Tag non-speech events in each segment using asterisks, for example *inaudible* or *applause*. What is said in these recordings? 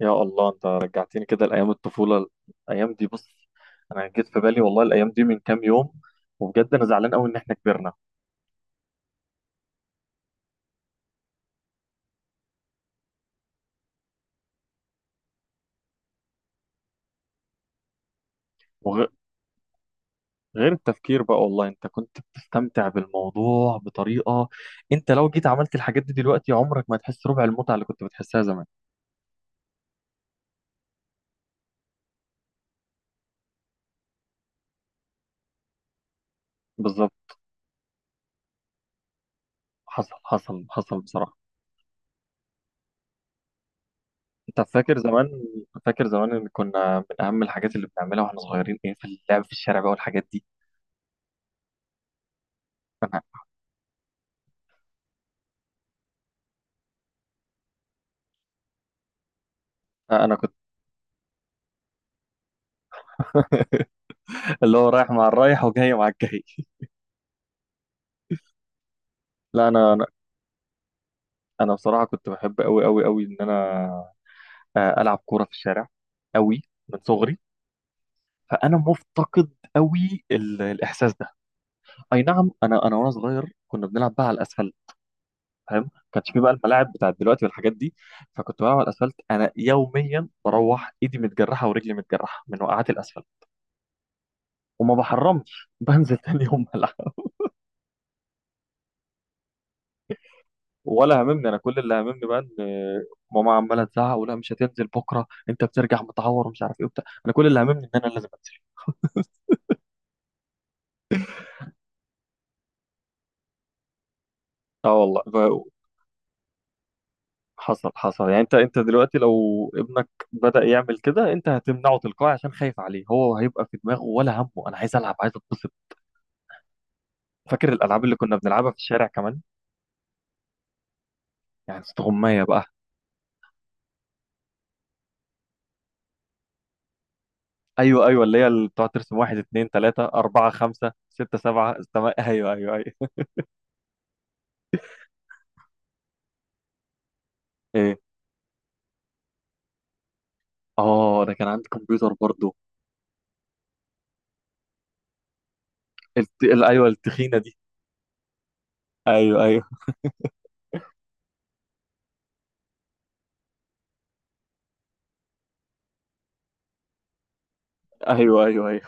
يا الله انت رجعتني كده لايام الطفوله. الايام دي بص، انا جيت في بالي والله الايام دي من كام يوم، وبجد انا زعلان قوي ان احنا كبرنا. وغير التفكير بقى، والله انت كنت بتستمتع بالموضوع بطريقه. انت لو جيت عملت الحاجات دي دلوقتي عمرك ما هتحس ربع المتعه اللي كنت بتحسها زمان. بالظبط. حصل حصل حصل بصراحه. انت فاكر زمان، فاكر زمان ان كنا من اهم الحاجات اللي بنعملها واحنا صغيرين ايه؟ في اللعب في الشارع بقى والحاجات دي. انا انا كنت *laughs* اللي هو رايح مع الرايح وجاي مع الجاي. لا انا. انا بصراحه كنت بحب قوي قوي قوي ان انا، العب كوره في الشارع قوي من صغري. فانا مفتقد قوي الاحساس ده. اي نعم انا. انا وانا صغير كنا بنلعب بقى على الاسفلت، فاهم؟ كانش في بقى الملاعب بتاعت دلوقتي والحاجات دي. فكنت بلعب على الاسفلت انا يوميا بروح ايدي متجرحه ورجلي متجرحه من وقعات الاسفلت. وما بحرمش *laughs* بنزل تاني يوم العب. ولا هممني. انا كل اللي هممني بقى ان ماما عماله تزعق، ولا مش هتنزل بكره انت بترجع متعور ومش عارف ايه وبتاع. انا كل اللي هممني ان انا لازم انزل. اه والله حصل حصل. يعني انت دلوقتي لو ابنك بدأ يعمل كده انت هتمنعه تلقائي عشان خايف عليه، هو هيبقى في دماغه ولا همه انا عايز العب عايز اتبسط. فاكر الالعاب اللي كنا بنلعبها في الشارع كمان؟ يعني استغمايه بقى. ايوه ايوه اللي هي اللي بتقعد ترسم واحد اتنين تلاته اربعه خمسه سته سبعه *laughs* ايوه ايوه ايوه. ايه؟ اه ده كان عندي كمبيوتر برضه. ايوه التخينه دي. ايوه ايوه ايوه ايوه ايوه.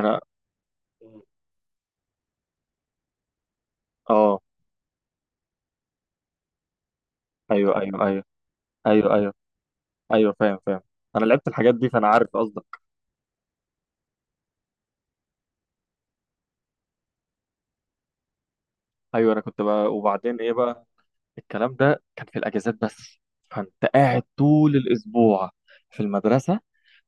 انا. اه ايوه ايوه ايوه ايوه ايوه ايوه فاهم فاهم. انا لعبت الحاجات دي فانا عارف قصدك. ايوه انا كنت بقى، وبعدين ايه بقى؟ الكلام ده كان في الاجازات بس. فانت قاعد طول الاسبوع في المدرسه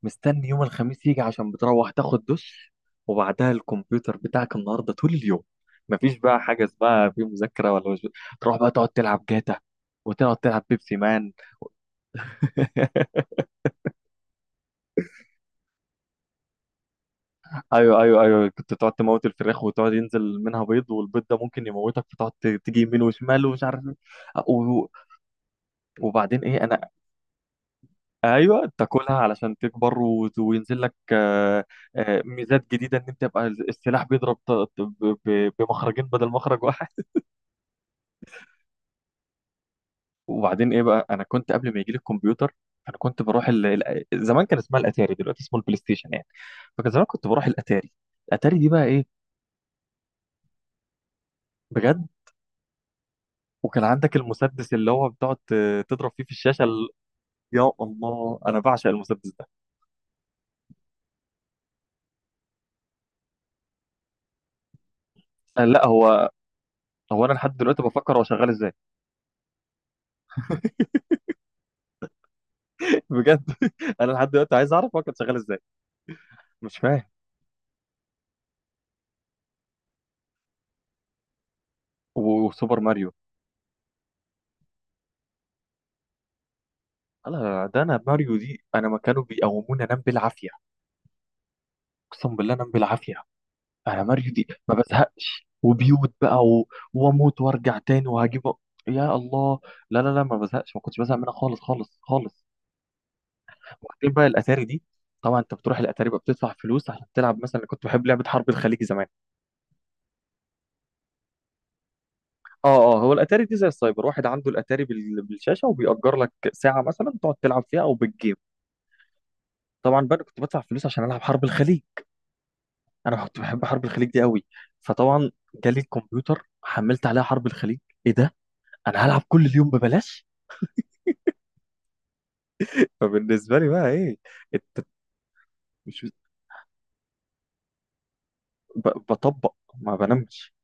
مستني يوم الخميس يجي عشان بتروح تاخد دش، وبعدها الكمبيوتر بتاعك النهارده طول اليوم. مفيش بقى حاجه اسمها في مذاكره ولا مش... تروح بقى تقعد تلعب جاتا وتقعد تلعب بيبسي مان. *laughs* ايوه ايوه ايوه. كنت تقعد تموت الفراخ وتقعد ينزل منها بيض، والبيض ده ممكن يموتك فتقعد تيجي يمين وشمال ومش عارف ايه. و- وبعدين ايه؟ انا ايوه تاكلها علشان تكبر وينزل لك ميزات جديده ان انت تبقى السلاح بيضرب بمخرجين بدل مخرج واحد. *laughs* وبعدين ايه بقى؟ انا كنت قبل ما يجي لي الكمبيوتر، انا كنت بروح زمان كان اسمها الاتاري، دلوقتي اسمه البلاي ستيشن يعني. فكان زمان كنت بروح الاتاري. الاتاري دي بقى ايه؟ بجد. وكان عندك المسدس اللي هو بتقعد تضرب فيه في الشاشه يا الله انا بعشق المسدس ده. أنا لا هو. هو انا لحد دلوقتي بفكر هو شغال ازاي. *laughs* بجد. *laughs* انا لحد دلوقتي عايز اعرف هو كان شغال ازاي. مش فاهم. وسوبر ماريو. انا ده انا ماريو دي انا ما كانوا بيقوموني انام بالعافيه. اقسم بالله انام بالعافيه. انا ماريو دي ما بزهقش وبيوت بقى و... واموت وارجع تاني وهجيب. يا الله. لا لا لا ما بزهقش، ما كنتش بزهق منها خالص خالص خالص. وبعدين بقى الاتاري دي، طبعا انت بتروح الاتاري بقى بتدفع فلوس عشان تلعب، مثلا كنت بحب لعبه حرب الخليج زمان. اه اه هو الاتاري دي زي السايبر، واحد عنده الاتاري بالشاشه وبيأجر لك ساعه مثلا تقعد تلعب فيها او بالجيم. طبعا بقى أنا كنت بدفع فلوس عشان العب حرب الخليج. انا كنت بحب حرب الخليج دي قوي. فطبعا جالي الكمبيوتر، حملت عليها حرب الخليج. ايه ده؟ انا هلعب كل اليوم ببلاش. فبالنسبه لي بقى ايه؟ إت- مش بطبق. ما بنامش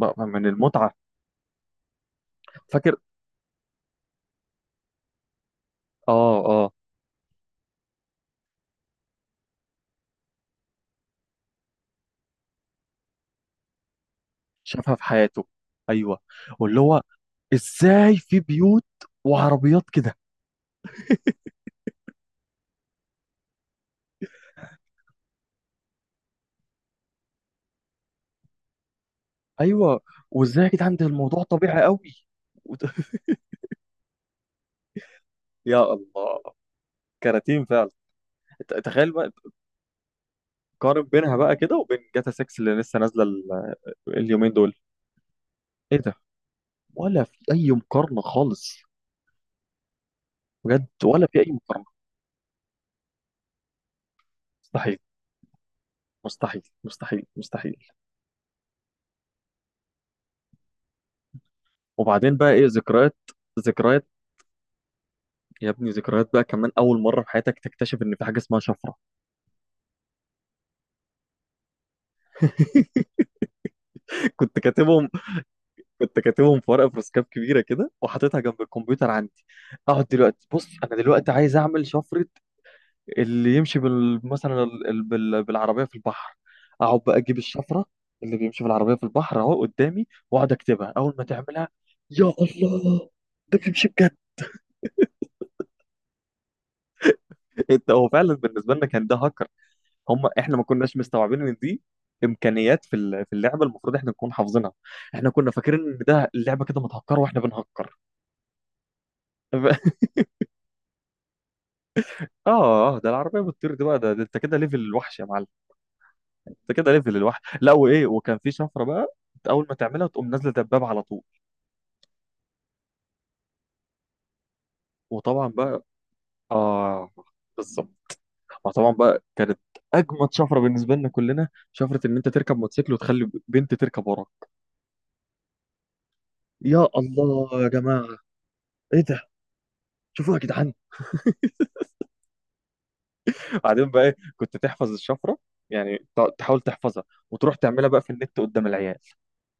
بقى من المتعه. فاكر. اه آه. شافها في حياته. ايوه. واللي هو ازاي في بيوت وعربيات كده. ايوه. وازاي يا جدعان ده الموضوع طبيعي قوي. وت- *laughs* يا الله. كراتين فعلا. تخيل بقى. قارن بينها بقى كده وبين جاتا 6 اللي لسه نازله اليومين دول. ايه ده؟ ولا في اي مقارنه خالص. بجد ولا في اي مقارنه. مستحيل. مستحيل مستحيل مستحيل. وبعدين بقى ايه؟ ذكريات. ذكريات، يا ابني، ذكريات بقى كمان اول مره في حياتك تكتشف ان في حاجه اسمها شفره. *laughs* كنت كاتبهم. كنت كاتبهم في ورقه في رسكاب كبيره كده وحاططها جنب الكمبيوتر عندي. اقعد دلوقتي بص، انا دلوقتي عايز اعمل شفره. اللي يمشي مثلا بالعربيه في البحر. اقعد بقى اجيب الشفره اللي بيمشي بالعربيه في البحر، اهو قدامي واقعد اكتبها اول ما تعملها. يا الله! ده بيمشي بجد. انت هو فعلا بالنسبه لنا كان ده هاكر. هم احنا ما كناش مستوعبين ان دي امكانيات في في اللعبه المفروض احنا نكون حافظينها. احنا كنا فاكرين ان ده اللعبه كده متهكره واحنا بنهكر. اه اه ده العربيه بتطير دي بقى ده، ده انت كده ليفل الوحش يا معلم. انت كده ليفل الوحش. لا وايه، وكان في شفره بقى انت اول ما تعملها تقوم نازله دبابه على طول. وطبعا بقى اه بالظبط. ما طبعا بقى كانت اجمد شفره بالنسبه لنا كلنا شفره ان انت تركب موتوسيكل وتخلي بنت تركب وراك. يا الله يا جماعه. ايه ده؟ شوفوا يا جدعان. بعدين بقى ايه؟ كنت تحفظ الشفره، يعني تحاول تحفظها، وتروح تعملها بقى في النت قدام العيال.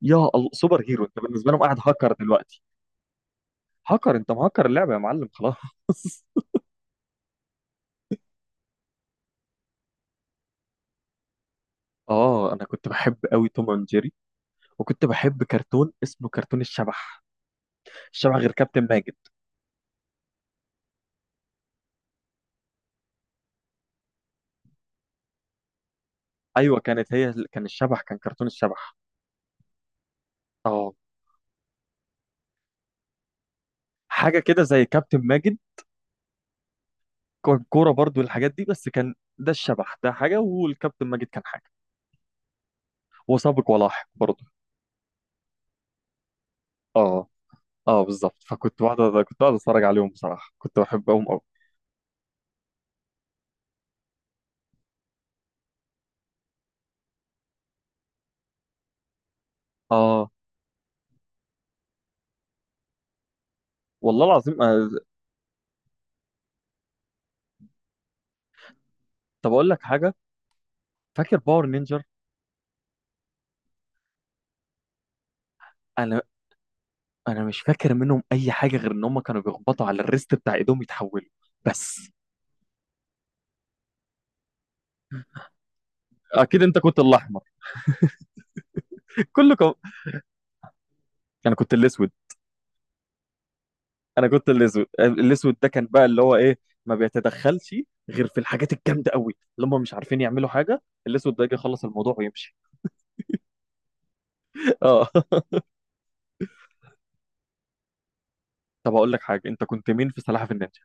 يا الله سوبر هيرو انت بالنسبه لهم، قاعد هاكر دلوقتي. هكر، انت مهكر اللعبه يا معلم خلاص. *laughs* اه انا كنت بحب قوي توم اند جيري. وكنت بحب كرتون اسمه كرتون الشبح. الشبح غير كابتن ماجد. ايوه كانت هي، كان الشبح، كان كرتون الشبح. اه حاجه كده زي كابتن ماجد. كان كوره برضو والحاجات دي، بس كان ده الشبح ده حاجه والكابتن ماجد كان حاجه. وسابق ولاحق برضو. اه اه بالظبط. فكنت بقعد، كنت بقعد اتفرج عليهم، بصراحه كنت بحبهم قوي. اه والله العظيم. طب اقول لك حاجه، فاكر باور نينجر؟ انا. انا مش فاكر منهم اي حاجه غير ان هم كانوا بيخبطوا على الريست بتاع ايدهم يتحولوا بس. اكيد انت كنت الاحمر. *laughs* كله كم... انا كنت الاسود. انا كنت الاسود، الاسود ده كان بقى اللي هو ايه، ما بيتدخلش غير في الحاجات الجامده قوي، اللي هم مش عارفين يعملوا حاجه. الاسود ده يجي يخلص الموضوع ويمشي. *laughs* اه. طب اقول لك حاجه، انت كنت مين في سلاحف النينجا؟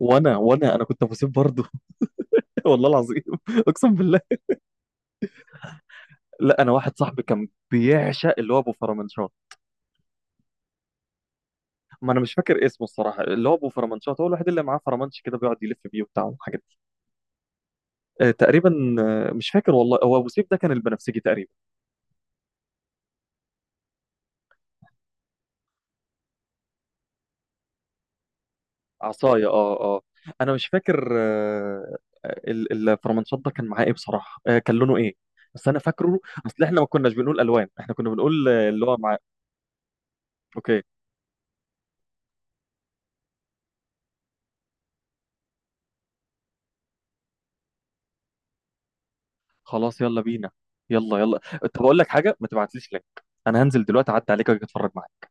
وانا انا كنت ابو سيف برضه. *laughs* والله العظيم. *laughs* اقسم بالله. لا انا واحد صاحبي كان بيعشق اللي هو ابو فرمنشار. ما انا مش فاكر اسمه الصراحه، اللي هو ابو فرمانشات هو الوحيد اللي معاه فرمانش كده بيقعد يلف بيه وبتاع والحاجات دي. آه تقريبا. آه مش فاكر والله، هو ابو سيف ده كان البنفسجي تقريبا. عصايه اه اه. انا مش فاكر. آه الفرمانشات ده كان معاه ايه بصراحه، آه كان لونه ايه؟ بس انا فاكره. اصل احنا ما كناش بنقول الوان، احنا كنا بنقول اللي هو معاه. اوكي. خلاص يلا بينا. يلا يلا. طب اقول لك حاجه، ما تبعتليش لينك، انا هنزل دلوقتي اعدي عليك واجي اتفرج معاك.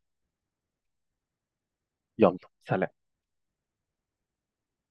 يلا سلام.